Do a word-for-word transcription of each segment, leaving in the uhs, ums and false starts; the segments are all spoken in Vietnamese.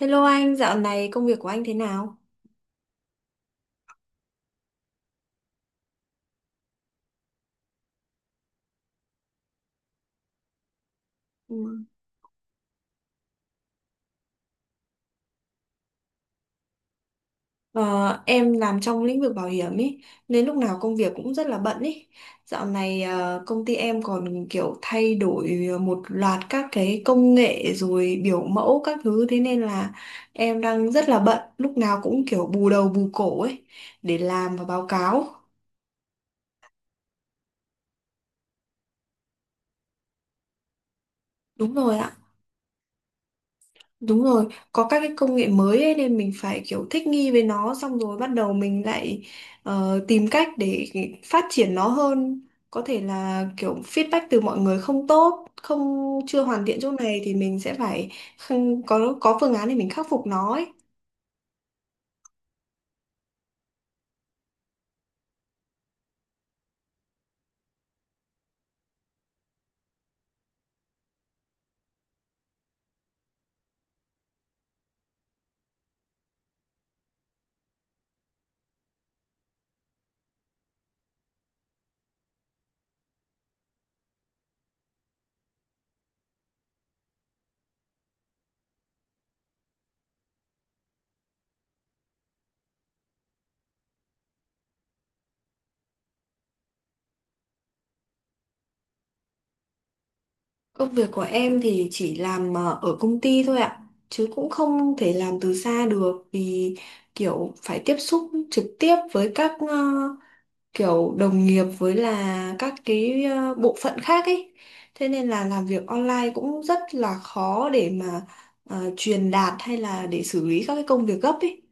Hello anh, dạo này công việc của anh thế nào? Ừ. Ờ, em làm trong lĩnh vực bảo hiểm ý, nên lúc nào công việc cũng rất là bận ý. Dạo này ờ, công ty em còn kiểu thay đổi ờ, một loạt các cái công nghệ rồi biểu mẫu các thứ thế nên là em đang rất là bận, lúc nào cũng kiểu bù đầu bù cổ ấy để làm và báo cáo. Đúng rồi ạ. Đúng rồi, có các cái công nghệ mới ấy, nên mình phải kiểu thích nghi với nó xong rồi bắt đầu mình lại ờ, tìm cách để phát triển nó hơn. Có thể là kiểu feedback từ mọi người không tốt, không chưa hoàn thiện chỗ này thì mình sẽ phải không, có có phương án để mình khắc phục nó ấy. Công việc của em thì chỉ làm ờ, ở công ty thôi ạ, chứ cũng không thể làm từ xa được vì kiểu phải tiếp xúc trực tiếp với các ờ, kiểu đồng nghiệp với là các cái ờ, bộ phận khác ấy thế nên là làm việc online cũng rất là khó để mà ờ, truyền đạt hay là để xử lý các cái công việc gấp ấy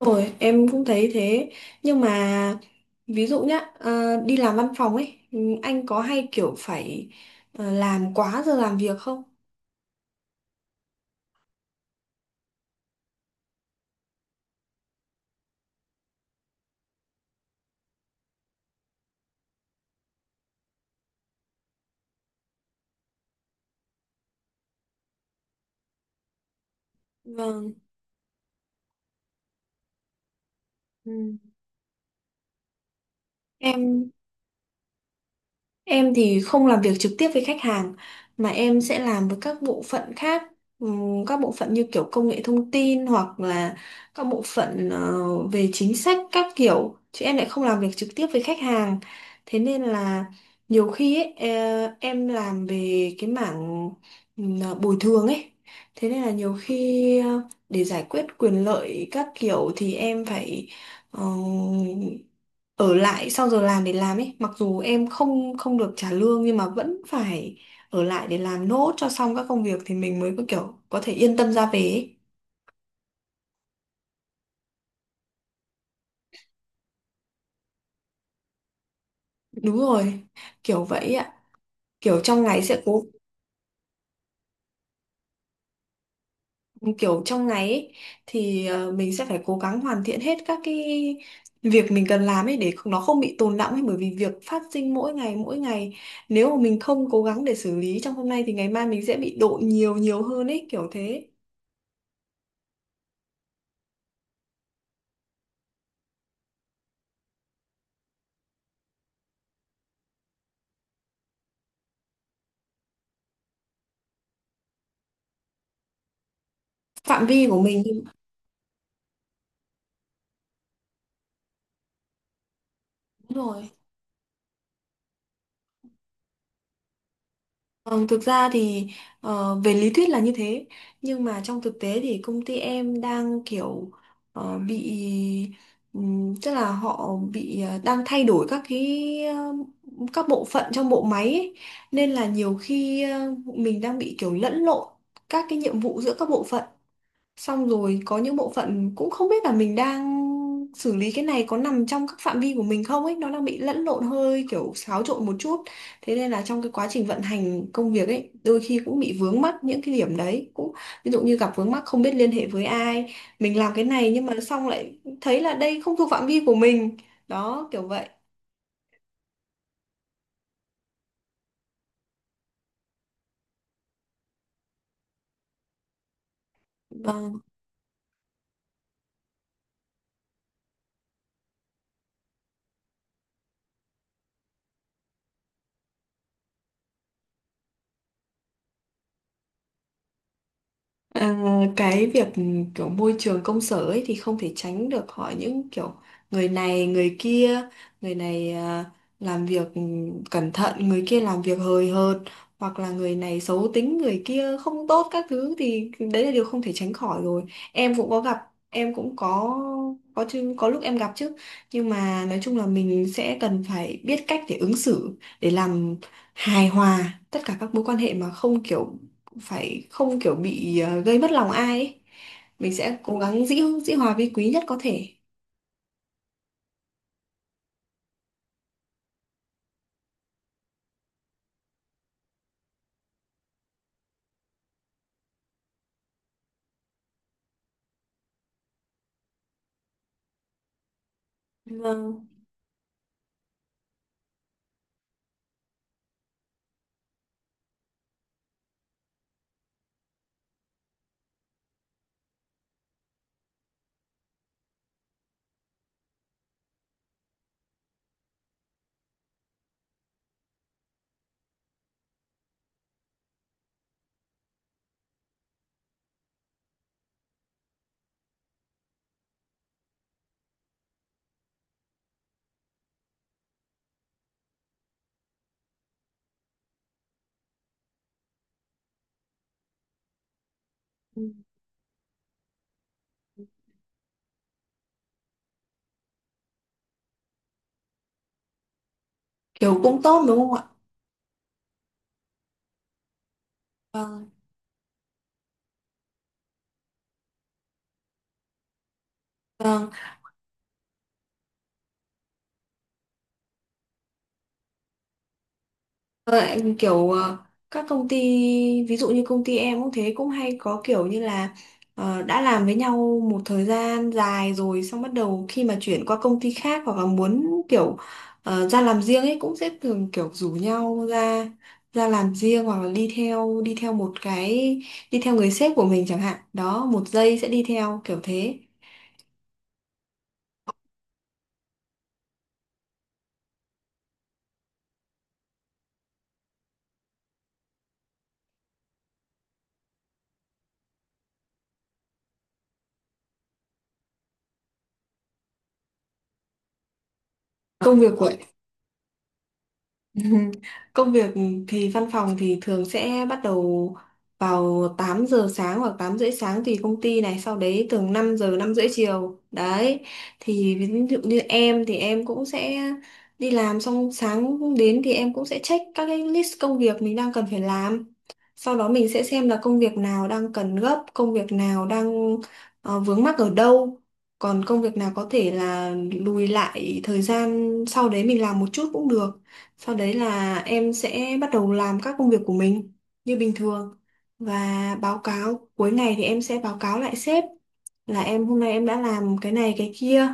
rồi em cũng thấy thế nhưng mà ví dụ nhá ờ, đi làm văn phòng ấy ừ, anh có hay kiểu phải ờ, làm quá giờ làm việc không? Vâng. Ừ. em Em thì không làm việc trực tiếp với khách hàng mà em sẽ làm với các bộ phận khác. Ừm, các bộ phận như kiểu công nghệ thông tin hoặc là các bộ phận ờ, về chính sách các kiểu chứ em lại không làm việc trực tiếp với khách hàng. Thế nên là nhiều khi ấy, ờ, em làm về cái mảng ừm, bồi thường ấy. Thế nên là nhiều khi ờ, để giải quyết quyền lợi các kiểu thì em phải ờ, ở lại sau giờ làm để làm ấy mặc dù em không không được trả lương nhưng mà vẫn phải ở lại để làm nốt cho xong các công việc thì mình mới có kiểu có thể yên tâm ra về ấy. Đúng rồi, kiểu vậy ạ. kiểu trong ngày sẽ cố Kiểu trong ngày ấy, thì ờ, mình sẽ phải cố gắng hoàn thiện hết các cái việc mình cần làm ấy để không- nó không bị tồn đọng ấy bởi vì việc phát sinh mỗi ngày mỗi ngày nếu mà mình không cố gắng để xử lý trong hôm nay thì ngày mai mình sẽ bị độ nhiều nhiều hơn ấy kiểu thế phạm vi của mình. Đúng rồi. Ờ, thực ra thì ờ, về lý thuyết là như thế nhưng mà trong thực tế thì công ty em đang kiểu ờ, bị ừm, tức là họ bị ờ, đang thay đổi các cái ờ, các bộ phận trong bộ máy ấy. Nên là nhiều khi ờ, mình đang bị kiểu lẫn lộn các cái nhiệm vụ giữa các bộ phận. Xong rồi có những bộ phận cũng không biết là mình đang xử lý cái này có nằm trong các phạm vi của mình không ấy, nó đang bị lẫn lộn hơi kiểu xáo trộn một chút. Thế nên là trong cái quá trình vận hành công việc ấy, đôi khi cũng bị vướng mắc những cái điểm đấy. Cũng ví dụ như gặp vướng mắc không biết liên hệ với ai, mình làm cái này nhưng mà xong lại thấy là đây không thuộc phạm vi của mình. Đó, kiểu vậy. Vâng. À, cái việc kiểu môi trường công sở ấy thì không thể tránh được họ những kiểu người này người kia người này à, làm việc ừ, cẩn thận người kia làm việc hời hợt hoặc là người này xấu tính người kia không tốt các thứ thì đấy là điều không thể tránh khỏi rồi em cũng có gặp. Em cũng có. Có chứ, có lúc em gặp chứ nhưng mà nói chung là mình sẽ cần phải biết cách để ứng xử để làm hài hòa tất cả các mối quan hệ mà không kiểu phải không kiểu bị ờ, gây mất lòng ai ấy. Mình sẽ cố gắng dĩ dĩ hòa vi quý nhất có thể. Vâng. Ừ. Kiểu cũng tốt đúng không ạ? Vâng. Vâng. Ờ, anh kiểu ờ, các công ty ví dụ như công ty em cũng thế cũng hay có kiểu như là ờ, đã làm với nhau một thời gian dài rồi xong bắt đầu khi mà chuyển qua công ty khác hoặc là muốn kiểu ờ, ra làm riêng ấy cũng sẽ thường kiểu rủ nhau ra ra làm riêng hoặc là đi theo đi theo một cái đi theo người sếp của mình chẳng hạn đó một giây sẽ đi theo kiểu thế. Công việc của Công việc thì văn phòng thì thường sẽ bắt đầu vào tám giờ sáng hoặc tám rưỡi sáng tùy công ty này, sau đấy thường năm giờ năm rưỡi chiều. Đấy. Thì ví dụ như em thì em cũng sẽ đi làm xong sáng đến thì em cũng sẽ check các cái list công việc mình đang cần phải làm. Sau đó mình sẽ xem là công việc nào đang cần gấp, công việc nào đang ờ, vướng mắc ở đâu. Còn công việc nào có thể là lùi lại thời gian sau đấy mình làm một chút cũng được sau đấy là em sẽ bắt đầu làm các công việc của mình như bình thường và báo cáo cuối ngày thì em sẽ báo cáo lại sếp là em hôm nay em đã làm cái này cái kia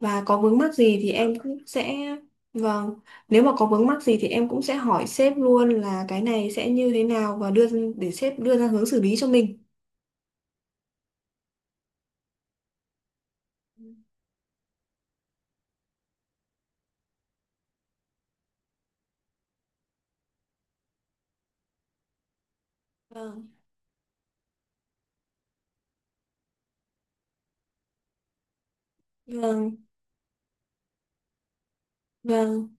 và có vướng mắc gì thì em cũng sẽ. Vâng. Nếu mà có vướng mắc gì thì em cũng sẽ hỏi sếp luôn là cái này sẽ như thế nào và đưa để sếp đưa ra hướng xử lý cho mình. Vâng, vâng, vâng,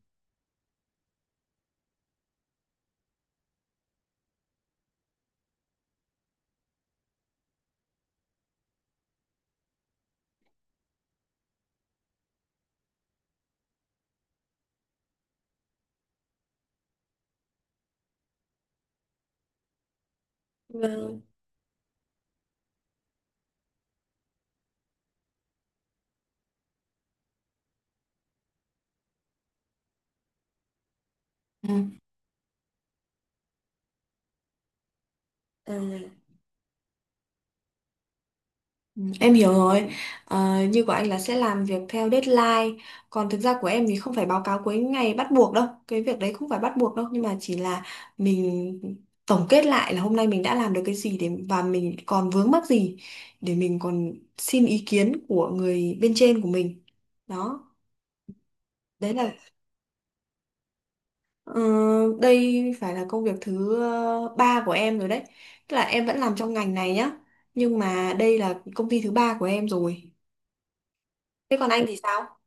vâng. Ừ. Ừ, em hiểu rồi. Ờ, như của anh là sẽ làm việc theo deadline. Còn thực ra của em thì không phải báo cáo cuối ngày bắt buộc đâu. Cái việc đấy không phải bắt buộc đâu. Nhưng mà chỉ là mình tổng kết lại là hôm nay mình đã làm được cái gì để và mình còn vướng mắc gì để mình còn xin ý kiến của người bên trên của mình. Đó. Đấy là ờ, đây phải là công việc thứ ờ, ba của em rồi đấy. Tức là em vẫn làm trong ngành này nhá. Nhưng mà đây là công ty thứ ba của em rồi. Thế còn anh thì sao?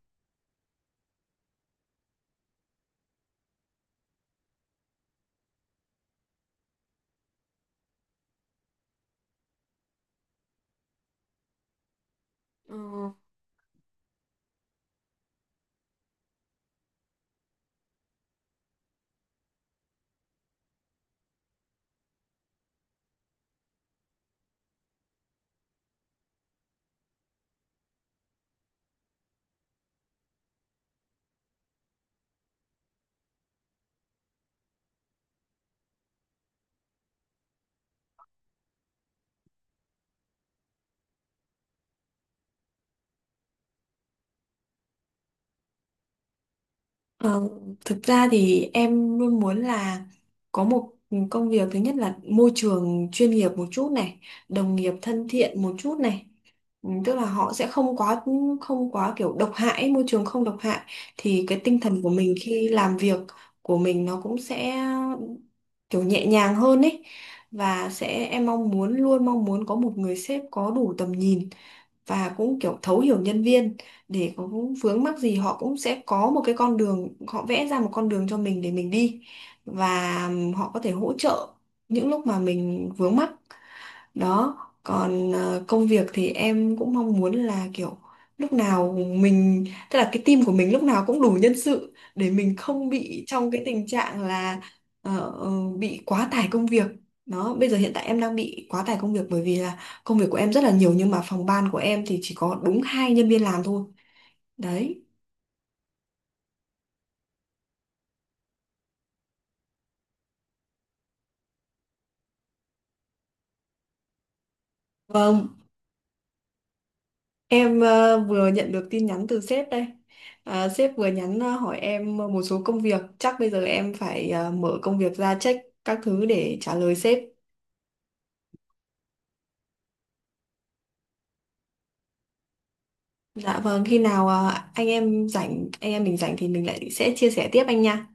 Ừ. Ờ, thực ra thì em luôn muốn là có một công việc thứ nhất là môi trường chuyên nghiệp một chút này, đồng nghiệp thân thiện một chút này. Ừ, tức là họ sẽ không quá không quá kiểu độc hại, môi trường không độc hại thì cái tinh thần của mình khi làm việc của mình nó cũng sẽ kiểu nhẹ nhàng hơn ấy. Và sẽ em mong muốn luôn mong muốn có một người sếp có đủ tầm nhìn và cũng kiểu thấu hiểu nhân viên để có vướng mắc gì họ cũng sẽ có một cái con đường họ vẽ ra một con đường cho mình để mình đi và họ có thể hỗ trợ những lúc mà mình vướng mắc. Đó. Còn ờ, công việc thì em cũng mong muốn là kiểu lúc nào mình tức là cái team của mình lúc nào cũng đủ nhân sự để mình không bị trong cái tình trạng là ờ, ờ, bị quá tải công việc. Đó bây giờ hiện tại em đang bị quá tải công việc bởi vì là công việc của em rất là nhiều nhưng mà phòng ban của em thì chỉ có đúng hai nhân viên làm thôi. Đấy. Vâng, em ờ, vừa nhận được tin nhắn từ sếp đây. À, sếp vừa nhắn ờ, hỏi em một số công việc. Chắc bây giờ em phải ờ, mở công việc ra check các thứ để trả lời sếp. Dạ vâng, khi nào ờ, anh em rảnh, anh em mình rảnh thì mình lại sẽ chia sẻ tiếp anh nha.